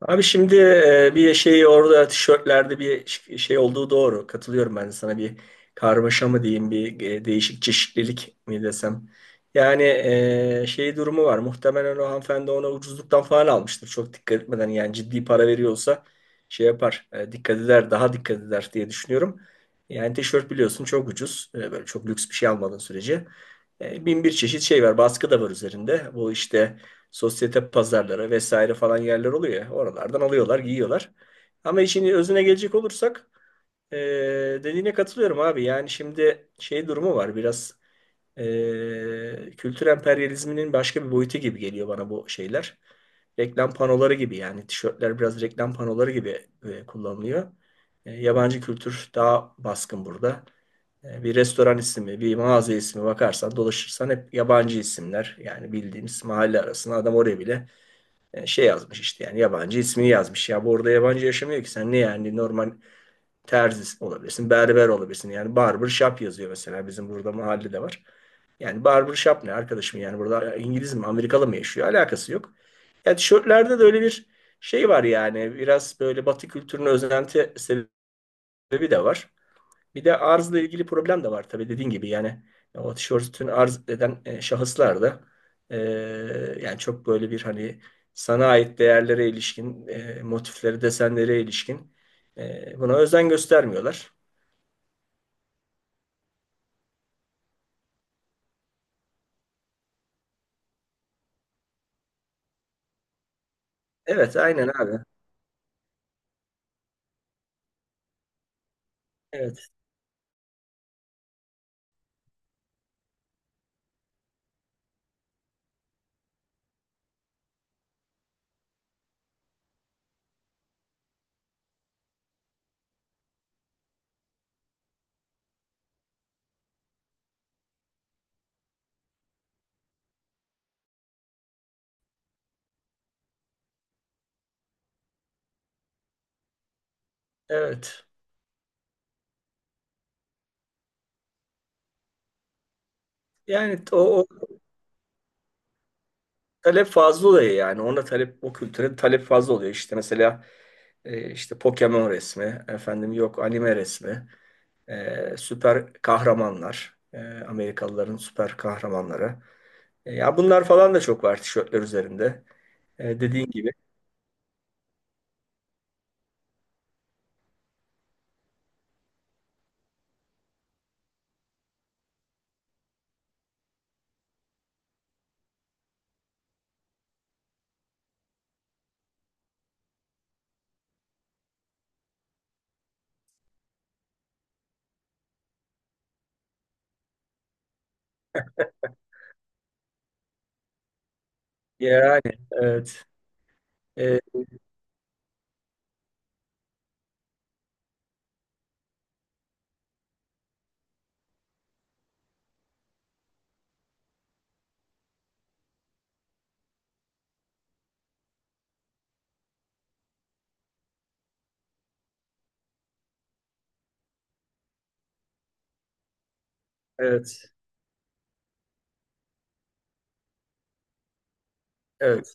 Abi şimdi bir şey orada tişörtlerde şey olduğu doğru. Katılıyorum ben de sana bir karmaşa mı diyeyim bir değişik çeşitlilik mi desem. Yani şey durumu var. Muhtemelen o hanımefendi ona ucuzluktan falan almıştır. Çok dikkat etmeden yani ciddi para veriyorsa şey yapar. Dikkat eder daha dikkat eder diye düşünüyorum. Yani tişört biliyorsun çok ucuz. Böyle çok lüks bir şey almadığın sürece. Bin bir çeşit şey var. Baskı da var üzerinde. Bu işte sosyete pazarlara vesaire falan yerler oluyor ya. Oralardan alıyorlar, giyiyorlar. Ama işin özüne gelecek olursak dediğine katılıyorum abi. Yani şimdi şey durumu var biraz kültür emperyalizminin başka bir boyutu gibi geliyor bana bu şeyler. Reklam panoları gibi yani tişörtler biraz reklam panoları gibi kullanılıyor. Yabancı kültür daha baskın burada. Bir restoran ismi, bir mağaza ismi bakarsan, dolaşırsan hep yabancı isimler. Yani bildiğimiz mahalle arasında adam oraya bile şey yazmış işte yani yabancı ismini yazmış. Ya bu orada yabancı yaşamıyor ki sen ne yani normal terzi olabilirsin, berber olabilirsin. Yani barber shop yazıyor mesela bizim burada mahallede var. Yani barber shop ne arkadaşım yani burada İngiliz mi Amerikalı mı yaşıyor alakası yok. Ya tişörtlerde de öyle bir şey var yani biraz böyle Batı kültürüne özenti sebebi de var. Bir de arzla ilgili problem de var tabii dediğin gibi yani o tişörtünü arz eden şahıslar da e, yani çok böyle bir hani sana ait değerlere ilişkin, motifleri, desenlere ilişkin buna özen göstermiyorlar. Evet, aynen abi. Evet, evet. Yani o talep fazla oluyor yani. Ona talep, o kültüre talep fazla oluyor. İşte mesela işte Pokemon resmi, efendim yok anime resmi. Süper kahramanlar, Amerikalıların süper kahramanları. Ya bunlar falan da çok var tişörtler üzerinde. Dediğin gibi. Yani evet. E, evet. Evet.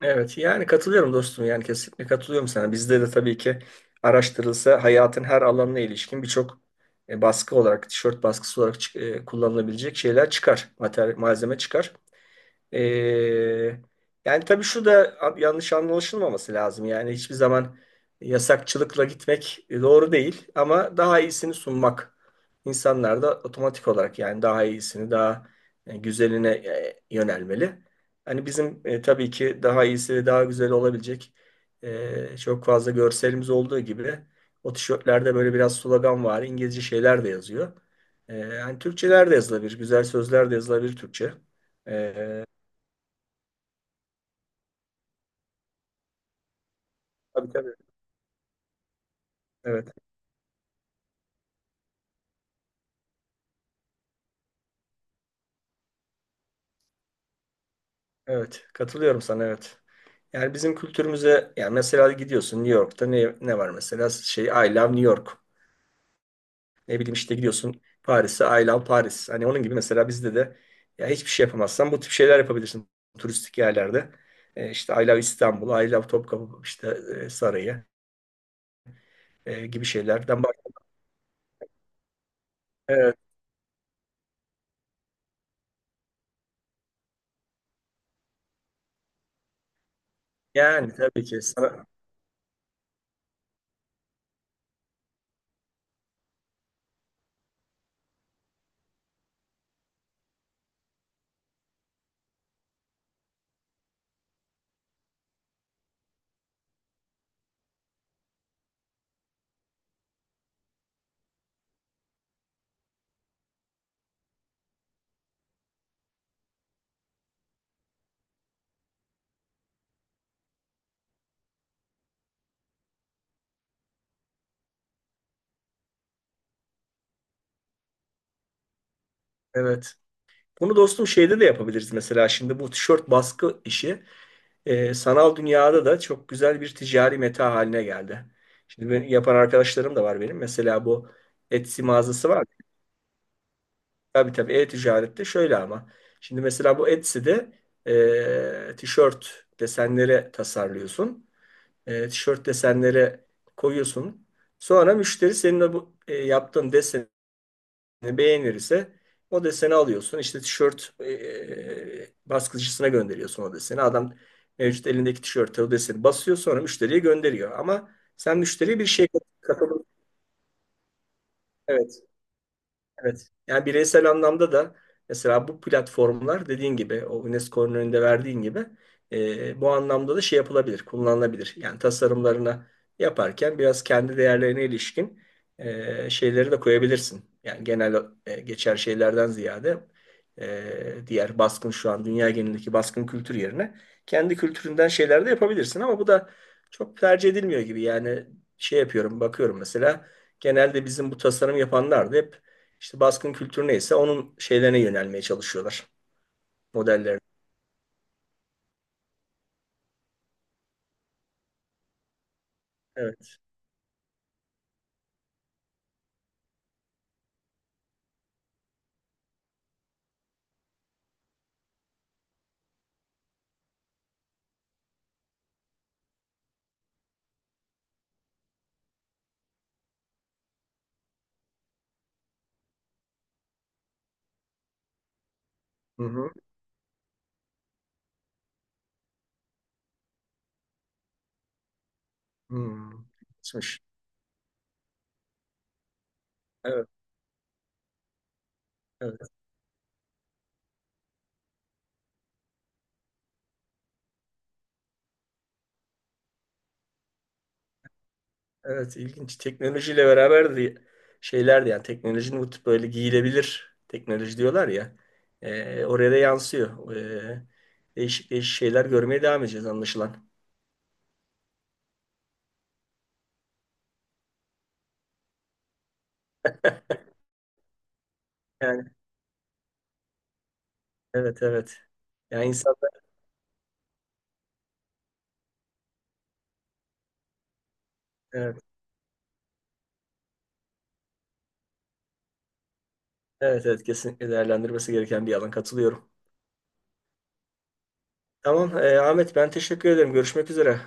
Evet. Yani katılıyorum dostum. Yani kesinlikle katılıyorum sana. Bizde de tabii ki araştırılsa hayatın her alanına ilişkin birçok baskı olarak, tişört baskısı olarak kullanılabilecek şeyler çıkar. Mater malzeme çıkar. Ee, Yani tabii şu da yanlış anlaşılmaması lazım. Yani hiçbir zaman yasakçılıkla gitmek doğru değil ama daha iyisini sunmak insanlar da otomatik olarak yani daha iyisini, daha güzeline yönelmeli. Hani bizim tabii ki daha iyisi ve daha güzel olabilecek çok fazla görselimiz olduğu gibi o tişörtlerde böyle biraz slogan var, İngilizce şeyler de yazıyor. Yani Türkçeler de yazılabilir, güzel sözler de yazılabilir Türkçe. E, Tabii tabii. Evet. Evet. Katılıyorum sana evet. Yani bizim kültürümüze yani mesela gidiyorsun New York'ta ne var mesela şey I love New York. Ne bileyim işte gidiyorsun Paris'e I love Paris. Hani onun gibi mesela bizde de ya hiçbir şey yapamazsan bu tip şeyler yapabilirsin turistik yerlerde. İşte I love İstanbul, I love Topkapı işte Sarayı gibi şeylerden bak. Evet. Yani tabii ki sana evet. Bunu dostum şeyde de yapabiliriz mesela şimdi bu tişört baskı işi. Sanal dünyada da çok güzel bir ticari meta haline geldi. Şimdi ben, yapan arkadaşlarım da var benim. Mesela bu Etsy mağazası var. Tabii tabii e-ticarette şöyle ama. Şimdi mesela bu Etsy'de tişört desenleri tasarlıyorsun. Tişört desenleri koyuyorsun. Sonra müşteri senin yaptığın desen beğenirse o deseni alıyorsun. İşte tişört baskıcısına gönderiyorsun o deseni. Adam mevcut elindeki tişörte o deseni basıyor sonra müşteriye gönderiyor. Ama sen müşteriye bir şey katılım. Evet. Yani bireysel anlamda da mesela bu platformlar dediğin gibi o UNESCO'nun önünde verdiğin gibi bu anlamda da şey yapılabilir, kullanılabilir. Yani tasarımlarını yaparken biraz kendi değerlerine ilişkin şeyleri de koyabilirsin. Yani genel geçer şeylerden ziyade diğer baskın şu an dünya genelindeki baskın kültür yerine kendi kültüründen şeyler de yapabilirsin ama bu da çok tercih edilmiyor gibi. Yani şey yapıyorum, bakıyorum mesela genelde bizim bu tasarım yapanlar da hep işte baskın kültürü neyse onun şeylerine yönelmeye çalışıyorlar. Modellerine. Evet. Hı hı. Hmm. Geçmiş. Evet. Evet. Evet. İlginç. Teknolojiyle beraber de şeyler de yani teknolojinin bu tip böyle giyilebilir teknoloji diyorlar ya. Oraya da yansıyor. Değişik değişik şeyler görmeye devam edeceğiz anlaşılan. Yani evet, evet. Yani insanlar evet evet, evet kesinlikle değerlendirmesi gereken bir alan katılıyorum. Tamam Ahmet ben teşekkür ederim. Görüşmek üzere.